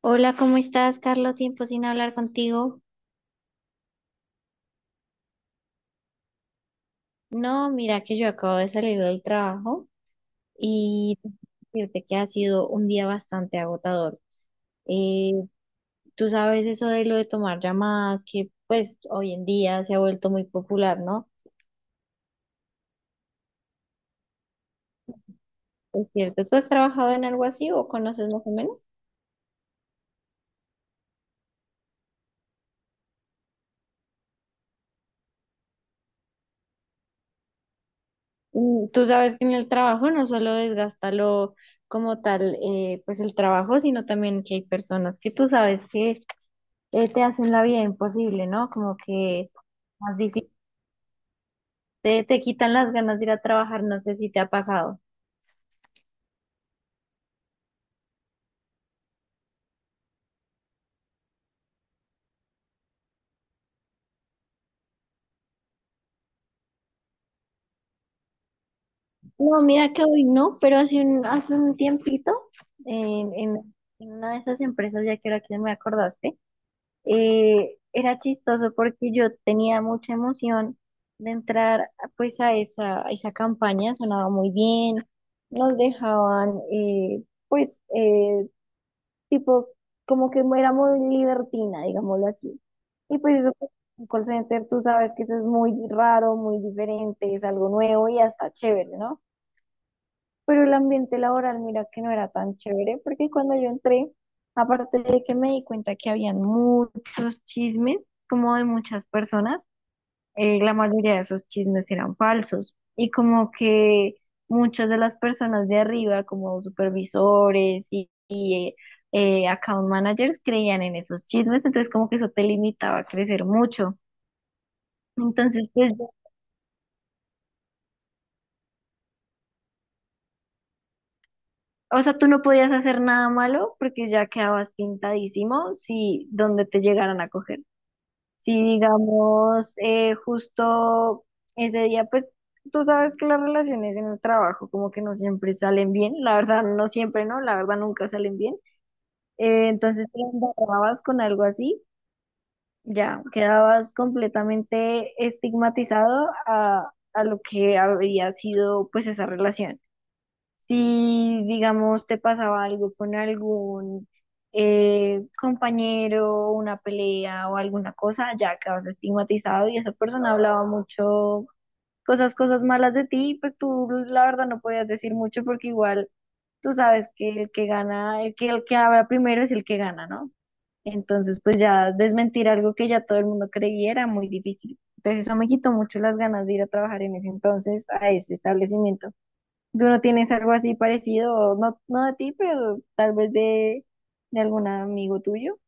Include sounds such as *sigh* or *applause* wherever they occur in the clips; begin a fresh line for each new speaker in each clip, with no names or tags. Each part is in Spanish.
Hola, ¿cómo estás, Carlos? Tiempo sin hablar contigo. No, mira que yo acabo de salir del trabajo y decirte que ha sido un día bastante agotador. Eh, Tú sabes eso de lo de tomar llamadas, que pues hoy en día se ha vuelto muy popular, ¿no? Es cierto, ¿tú has trabajado en algo así o conoces más o menos? Mm, tú sabes que en el trabajo no solo desgasta lo como tal, pues el trabajo, sino también que hay personas que tú sabes que te hacen la vida imposible, ¿no? Como que más difícil, te quitan las ganas de ir a trabajar, no sé si te ha pasado. No, mira que hoy no, pero hace un tiempito, en, en- en una de esas empresas, ya que ahora que me acordaste, era chistoso porque yo tenía mucha emoción de entrar pues a esa campaña, sonaba muy bien, nos dejaban pues tipo, como que era muy libertina, digámoslo así. Y pues eso, pues, un call center, tú sabes que eso es muy raro, muy diferente, es algo nuevo y hasta chévere, ¿no? Pero el ambiente laboral, mira que no era tan chévere, porque cuando yo entré, aparte de que me di cuenta que habían muchos chismes, como de muchas personas, la mayoría de esos chismes eran falsos y como que muchas de las personas de arriba, como supervisores y account managers, creían en esos chismes, entonces como que eso te limitaba a crecer mucho. Entonces, pues, o sea, tú no podías hacer nada malo porque ya quedabas pintadísimo si donde te llegaran a coger. Si digamos, justo ese día, pues tú sabes que las relaciones en el trabajo como que no siempre salen bien, la verdad no siempre, ¿no? La verdad nunca salen bien. Entonces, si embarrabas con algo así, ya quedabas completamente estigmatizado a lo que había sido pues esa relación. Si, digamos, te pasaba algo con algún compañero, una pelea o alguna cosa, ya quedabas estigmatizado y esa persona hablaba mucho, cosas malas de ti, pues tú la verdad no podías decir mucho porque igual tú sabes que el que gana, el que habla primero es el que gana, ¿no? Entonces, pues ya desmentir algo que ya todo el mundo creía era muy difícil. Entonces, eso me quitó mucho las ganas de ir a trabajar en ese entonces a ese establecimiento. ¿Tú no tienes algo así parecido? No, no de ti, pero tal vez de algún amigo tuyo.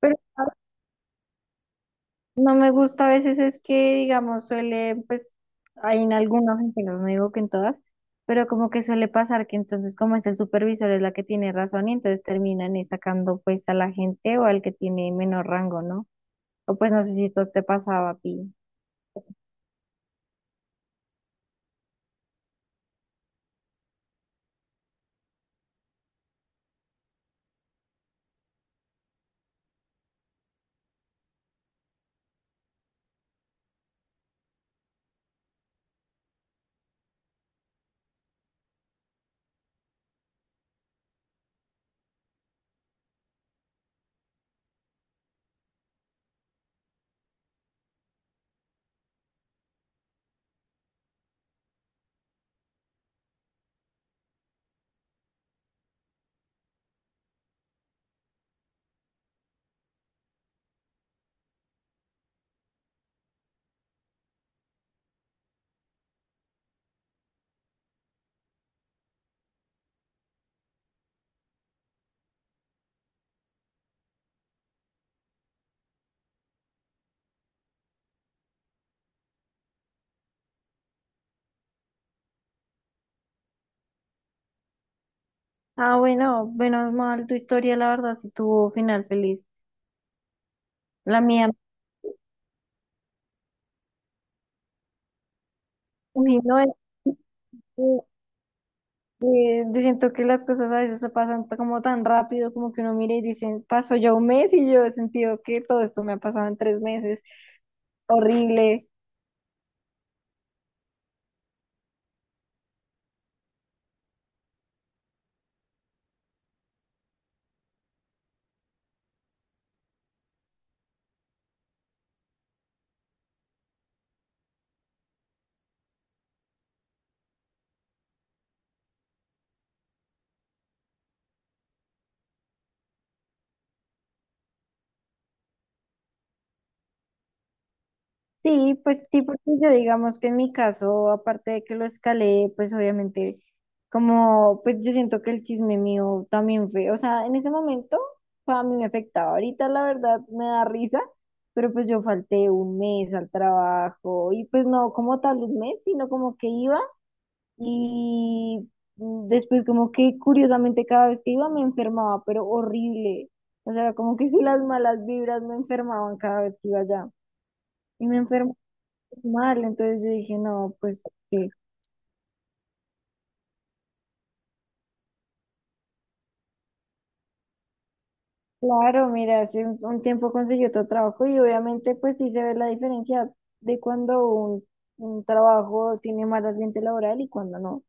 Pero no me gusta a veces es que, digamos, suele, pues, hay en algunos, en que no digo que en todas, pero como que suele pasar que entonces como es el supervisor es la que tiene razón y entonces terminan sacando pues a la gente o al que tiene menor rango, ¿no? O pues no sé si esto te pasaba a ti. Ah, bueno, menos mal tu historia, la verdad, si tuvo final feliz. La mía, uy, no. Yo siento que las cosas a veces se pasan como tan rápido, como que uno mira y dice, pasó ya un mes y yo he sentido que todo esto me ha pasado en 3 meses, horrible. Sí, pues sí, porque yo digamos que en mi caso, aparte de que lo escalé, pues obviamente, como, pues yo siento que el chisme mío también fue, o sea, en ese momento, pues, a mí me afectaba, ahorita la verdad me da risa, pero pues yo falté un mes al trabajo y pues no como tal un mes, sino como que iba. Y después como que curiosamente cada vez que iba me enfermaba, pero horrible. O sea, como que si las malas vibras me enfermaban cada vez que iba allá. Y me enfermé mal, entonces yo dije, no, pues sí. Claro, mira, hace un tiempo conseguí otro trabajo y obviamente pues sí se ve la diferencia de cuando un trabajo tiene más ambiente laboral y cuando no.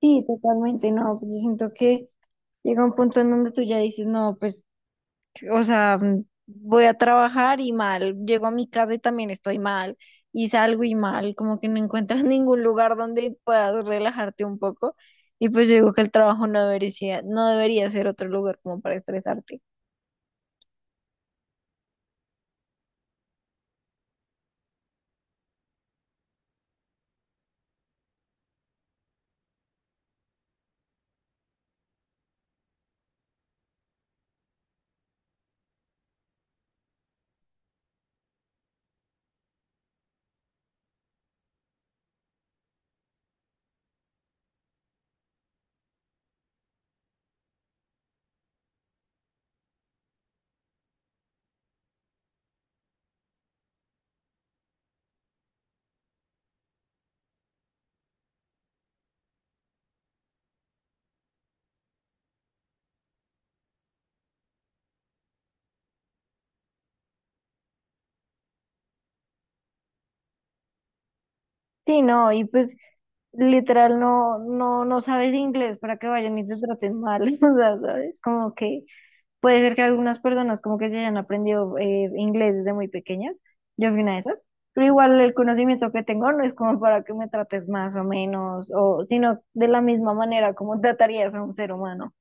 Sí, totalmente, no, pues yo siento que llega un punto en donde tú ya dices, no, pues o sea, voy a trabajar y mal, llego a mi casa y también estoy mal, y salgo y mal, como que no encuentras *laughs* ningún lugar donde puedas relajarte un poco. Y pues yo digo que el trabajo no debería, no debería ser otro lugar como para estresarte. Sí, no, y pues literal no, no, no sabes inglés para que vayan y te traten mal, *laughs* o sea, ¿sabes? Como que puede ser que algunas personas como que se hayan aprendido inglés desde muy pequeñas. Yo fui una de esas. Pero igual el conocimiento que tengo no es como para que me trates más o menos, o sino de la misma manera como tratarías a un ser humano.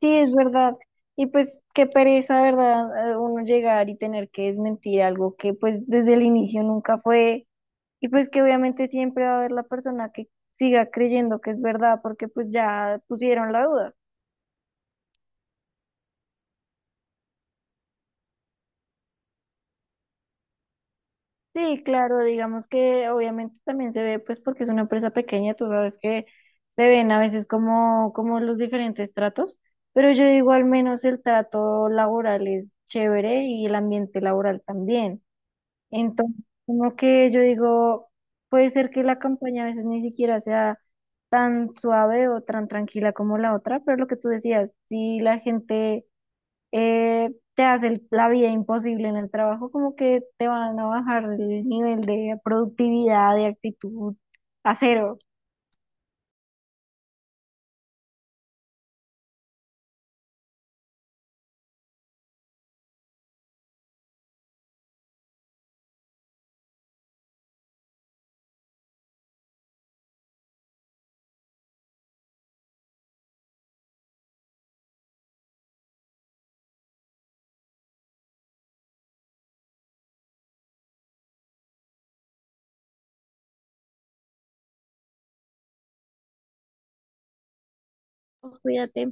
Sí, es verdad. Y pues qué pereza, ¿verdad? Uno llegar y tener que desmentir algo que pues desde el inicio nunca fue. Y pues que obviamente siempre va a haber la persona que siga creyendo que es verdad porque pues ya pusieron la duda. Sí, claro, digamos que obviamente también se ve pues porque es una empresa pequeña, tú sabes que se ven a veces como, como los diferentes tratos, pero yo digo al menos el trato laboral es chévere y el ambiente laboral también. Entonces, como que yo digo, puede ser que la campaña a veces ni siquiera sea tan suave o tan tranquila como la otra, pero lo que tú decías, si la gente te hace la vida imposible en el trabajo, como que te van a bajar el nivel de productividad, de actitud a 0. Cuídate.